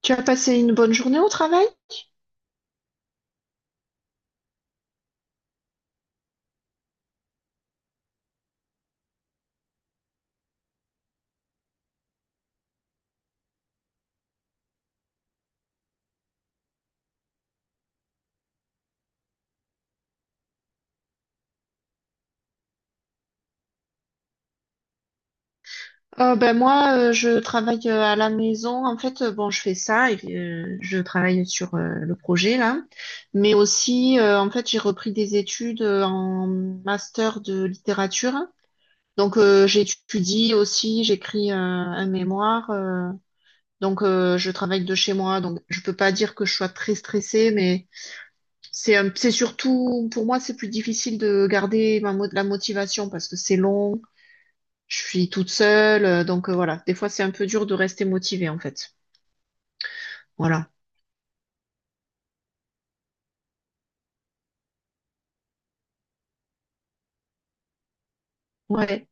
Tu as passé une bonne journée au travail? Ben moi, je travaille à la maison. En fait, bon, je fais ça et je travaille sur le projet là. Mais aussi, en fait, j'ai repris des études en master de littérature. Donc, j'étudie aussi, j'écris un mémoire. Donc, je travaille de chez moi. Donc, je peux pas dire que je sois très stressée, mais c'est surtout pour moi, c'est plus difficile de garder la motivation parce que c'est long. Je suis toute seule, donc voilà. Des fois, c'est un peu dur de rester motivée, en fait. Voilà. Ouais.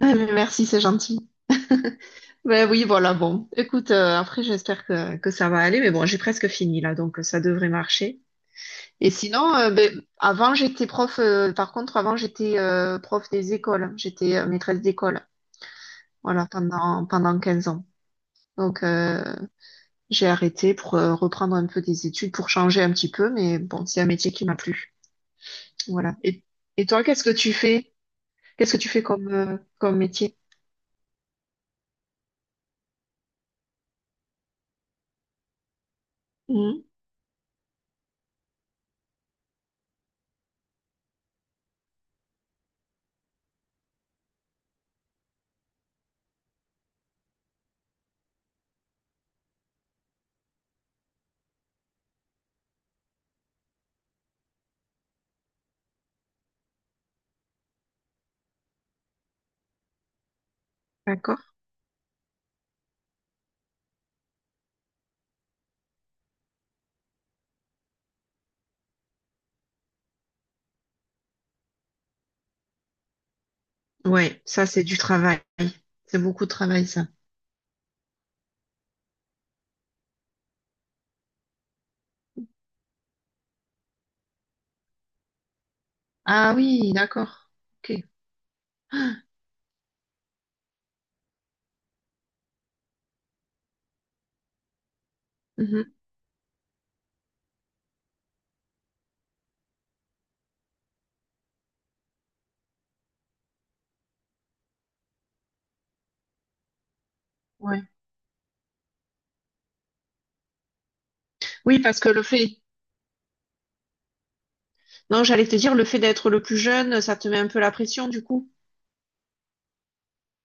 Ah, mais merci, c'est gentil. Ben oui, voilà, bon. Écoute, après, j'espère que ça va aller, mais bon, j'ai presque fini là, donc ça devrait marcher. Et sinon, ben, avant, j'étais prof, par contre, avant, j'étais prof des écoles. J'étais maîtresse d'école, voilà, pendant 15 ans. Donc, j'ai arrêté pour reprendre un peu des études, pour changer un petit peu, mais bon, c'est un métier qui m'a plu. Voilà. Et toi, qu'est-ce que tu fais? Qu'est-ce que tu fais comme, comme métier? Mhm. D'accord. Ouais, ça, c'est du travail. C'est beaucoup de travail, ça. Ah oui, d'accord. Ok. Mhm. Ouais. Oui, parce que non, j'allais te dire, le fait d'être le plus jeune, ça te met un peu la pression, du coup.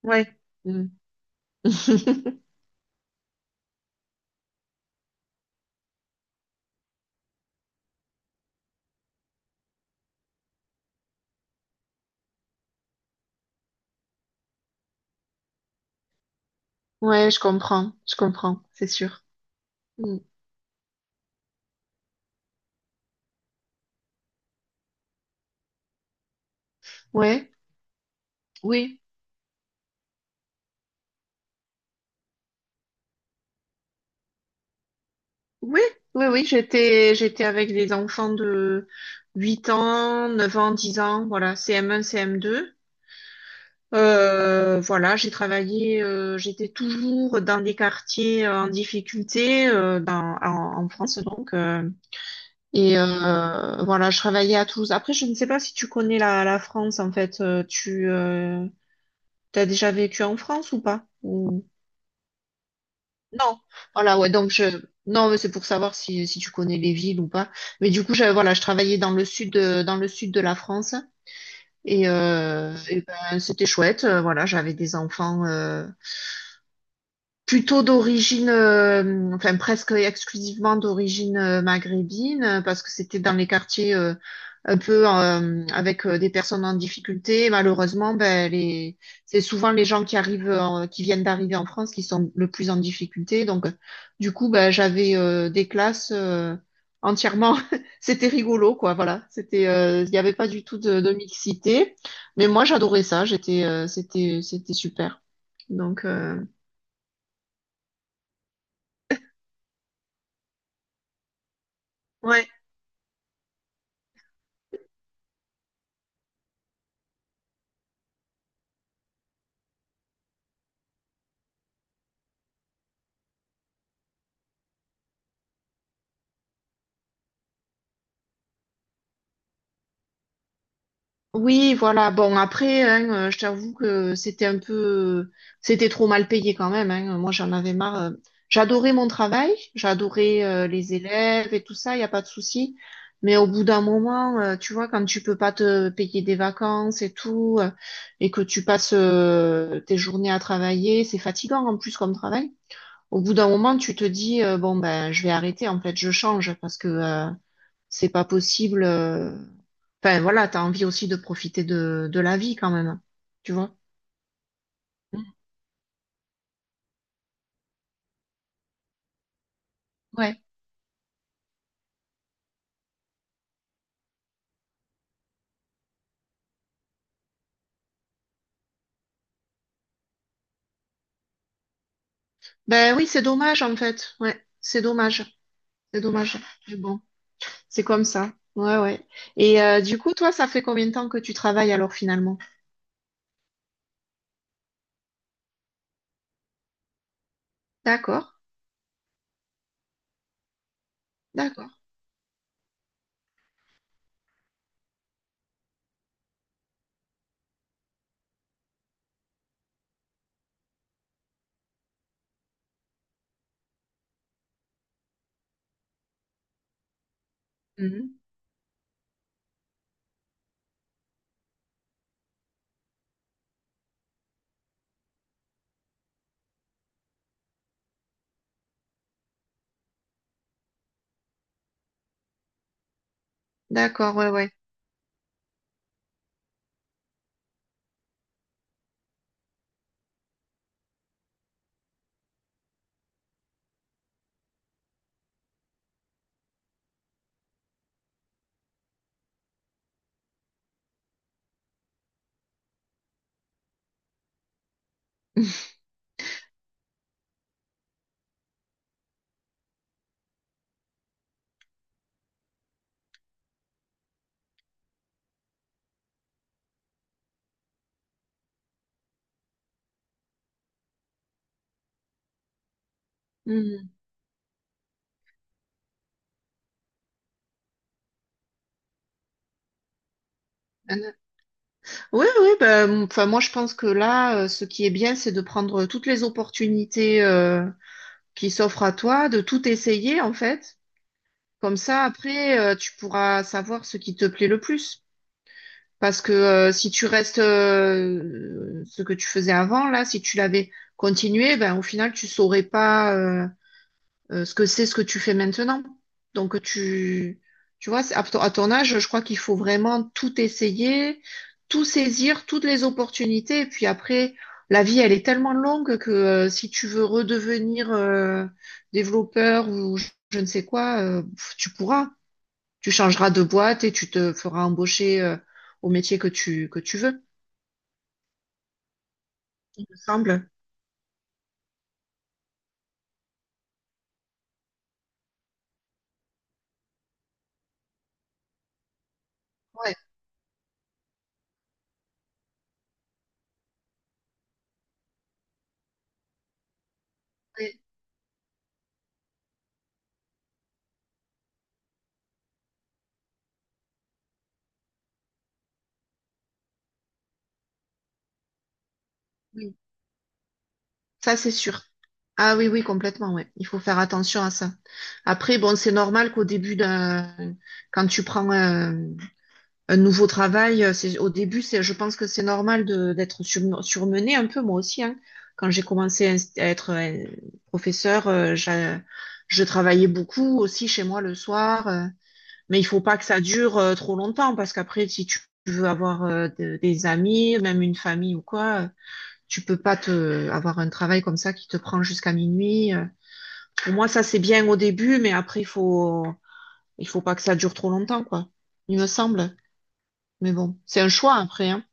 Ouais. Mhm. Ouais, je comprends, c'est sûr. Mm. Ouais, oui, oui, oui, oui, j'étais, j'étais avec des enfants de 8 ans, 9 ans, 10 ans, voilà, CM1, CM2. Voilà, j'ai travaillé, j'étais toujours dans des quartiers en difficulté en, en France donc. Et voilà, je travaillais à Toulouse. Après, je ne sais pas si tu connais la, la France en fait. Tu t'as déjà vécu en France ou pas? Ou- non. Voilà, ouais. Donc je non, mais c'est pour savoir si, si tu connais les villes ou pas. Mais du coup, je, voilà, je travaillais dans le sud de, dans le sud de la France et ben, c'était chouette. Voilà, j'avais des enfants. Plutôt d'origine, enfin presque exclusivement d'origine maghrébine, parce que c'était dans les quartiers un peu avec des personnes en difficulté. Malheureusement, ben, les... c'est souvent les gens qui arrivent, qui viennent d'arriver en France, qui sont le plus en difficulté. Donc, du coup, ben, j'avais des classes entièrement. C'était rigolo, quoi. Voilà, c'était, il n'y avait pas du tout de mixité, mais moi j'adorais ça. J'étais, c'était, c'était super. Donc, ouais. Oui, voilà. Bon, après, hein, je t'avoue que c'était trop mal payé quand même. Hein. Moi, j'en avais marre. J'adorais mon travail, j'adorais les élèves et tout ça, il n'y a pas de souci. Mais au bout d'un moment, tu vois, quand tu peux pas te payer des vacances et tout, et que tu passes tes journées à travailler, c'est fatigant en plus comme travail. Au bout d'un moment, tu te dis, bon, ben, je vais arrêter, en fait, je change parce que c'est pas possible. Enfin, voilà, t'as envie aussi de profiter de la vie quand même. Tu vois? Mm. Ouais. Ben oui, c'est dommage en fait. Ouais, c'est dommage. C'est dommage. Mais bon, c'est comme ça. Ouais, ouais. Et du coup, toi, ça fait combien de temps que tu travailles alors finalement? D'accord, d'accord. Mhm. D'accord, ouais, ouais. Mhm. Oui, oui, ben, enfin, moi je pense que là, ce qui est bien, c'est de prendre toutes les opportunités qui s'offrent à toi, de tout essayer en fait. Comme ça, après, tu pourras savoir ce qui te plaît le plus. Parce que si tu restes ce que tu faisais avant, là, si tu l'avais continué, ben au final, tu saurais pas ce que c'est ce que tu fais maintenant. Donc tu vois, à ton âge, je crois qu'il faut vraiment tout essayer, tout saisir, toutes les opportunités. Et puis après, la vie, elle est tellement longue que si tu veux redevenir développeur ou je ne sais quoi, pff, tu changeras de boîte et tu te feras embaucher au métier que tu veux, il me semble. Ouais, ouais, oui, ça c'est sûr. Ah oui, oui, complètement, ouais. Il faut faire attention à ça. Après, bon, c'est normal quand tu prends un nouveau travail, au début, c'est, je pense que c'est normal de, d'être surmenée un peu, moi aussi, hein. Quand j'ai commencé à être professeur, je travaillais beaucoup aussi chez moi le soir. Mais il faut pas que ça dure trop longtemps parce qu'après, si tu veux avoir des amis, même une famille ou quoi, tu peux pas te avoir un travail comme ça qui te prend jusqu'à minuit. Pour moi, ça c'est bien au début, mais après, il faut pas que ça dure trop longtemps, quoi. Il me semble. Mais bon, c'est un choix après, hein.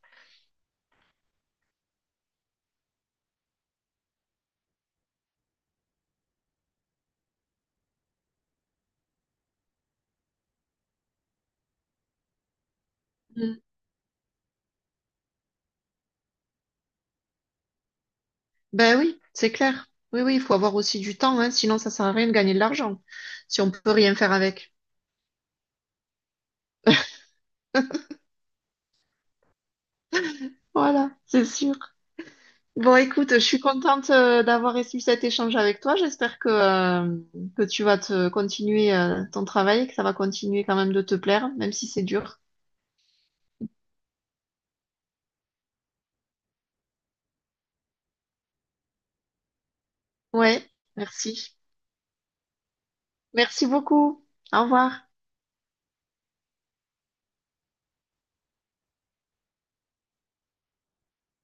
Mm. Ben oui, c'est clair. Oui, oui, il faut avoir aussi du temps, hein, sinon ça sert à rien de gagner de l'argent si on peut rien faire avec. Voilà, c'est sûr. Bon, écoute, je suis contente d'avoir eu cet échange avec toi. J'espère que tu vas te continuer ton travail et que ça va continuer quand même de te plaire, même si c'est dur. Ouais, merci. Merci beaucoup. Au revoir.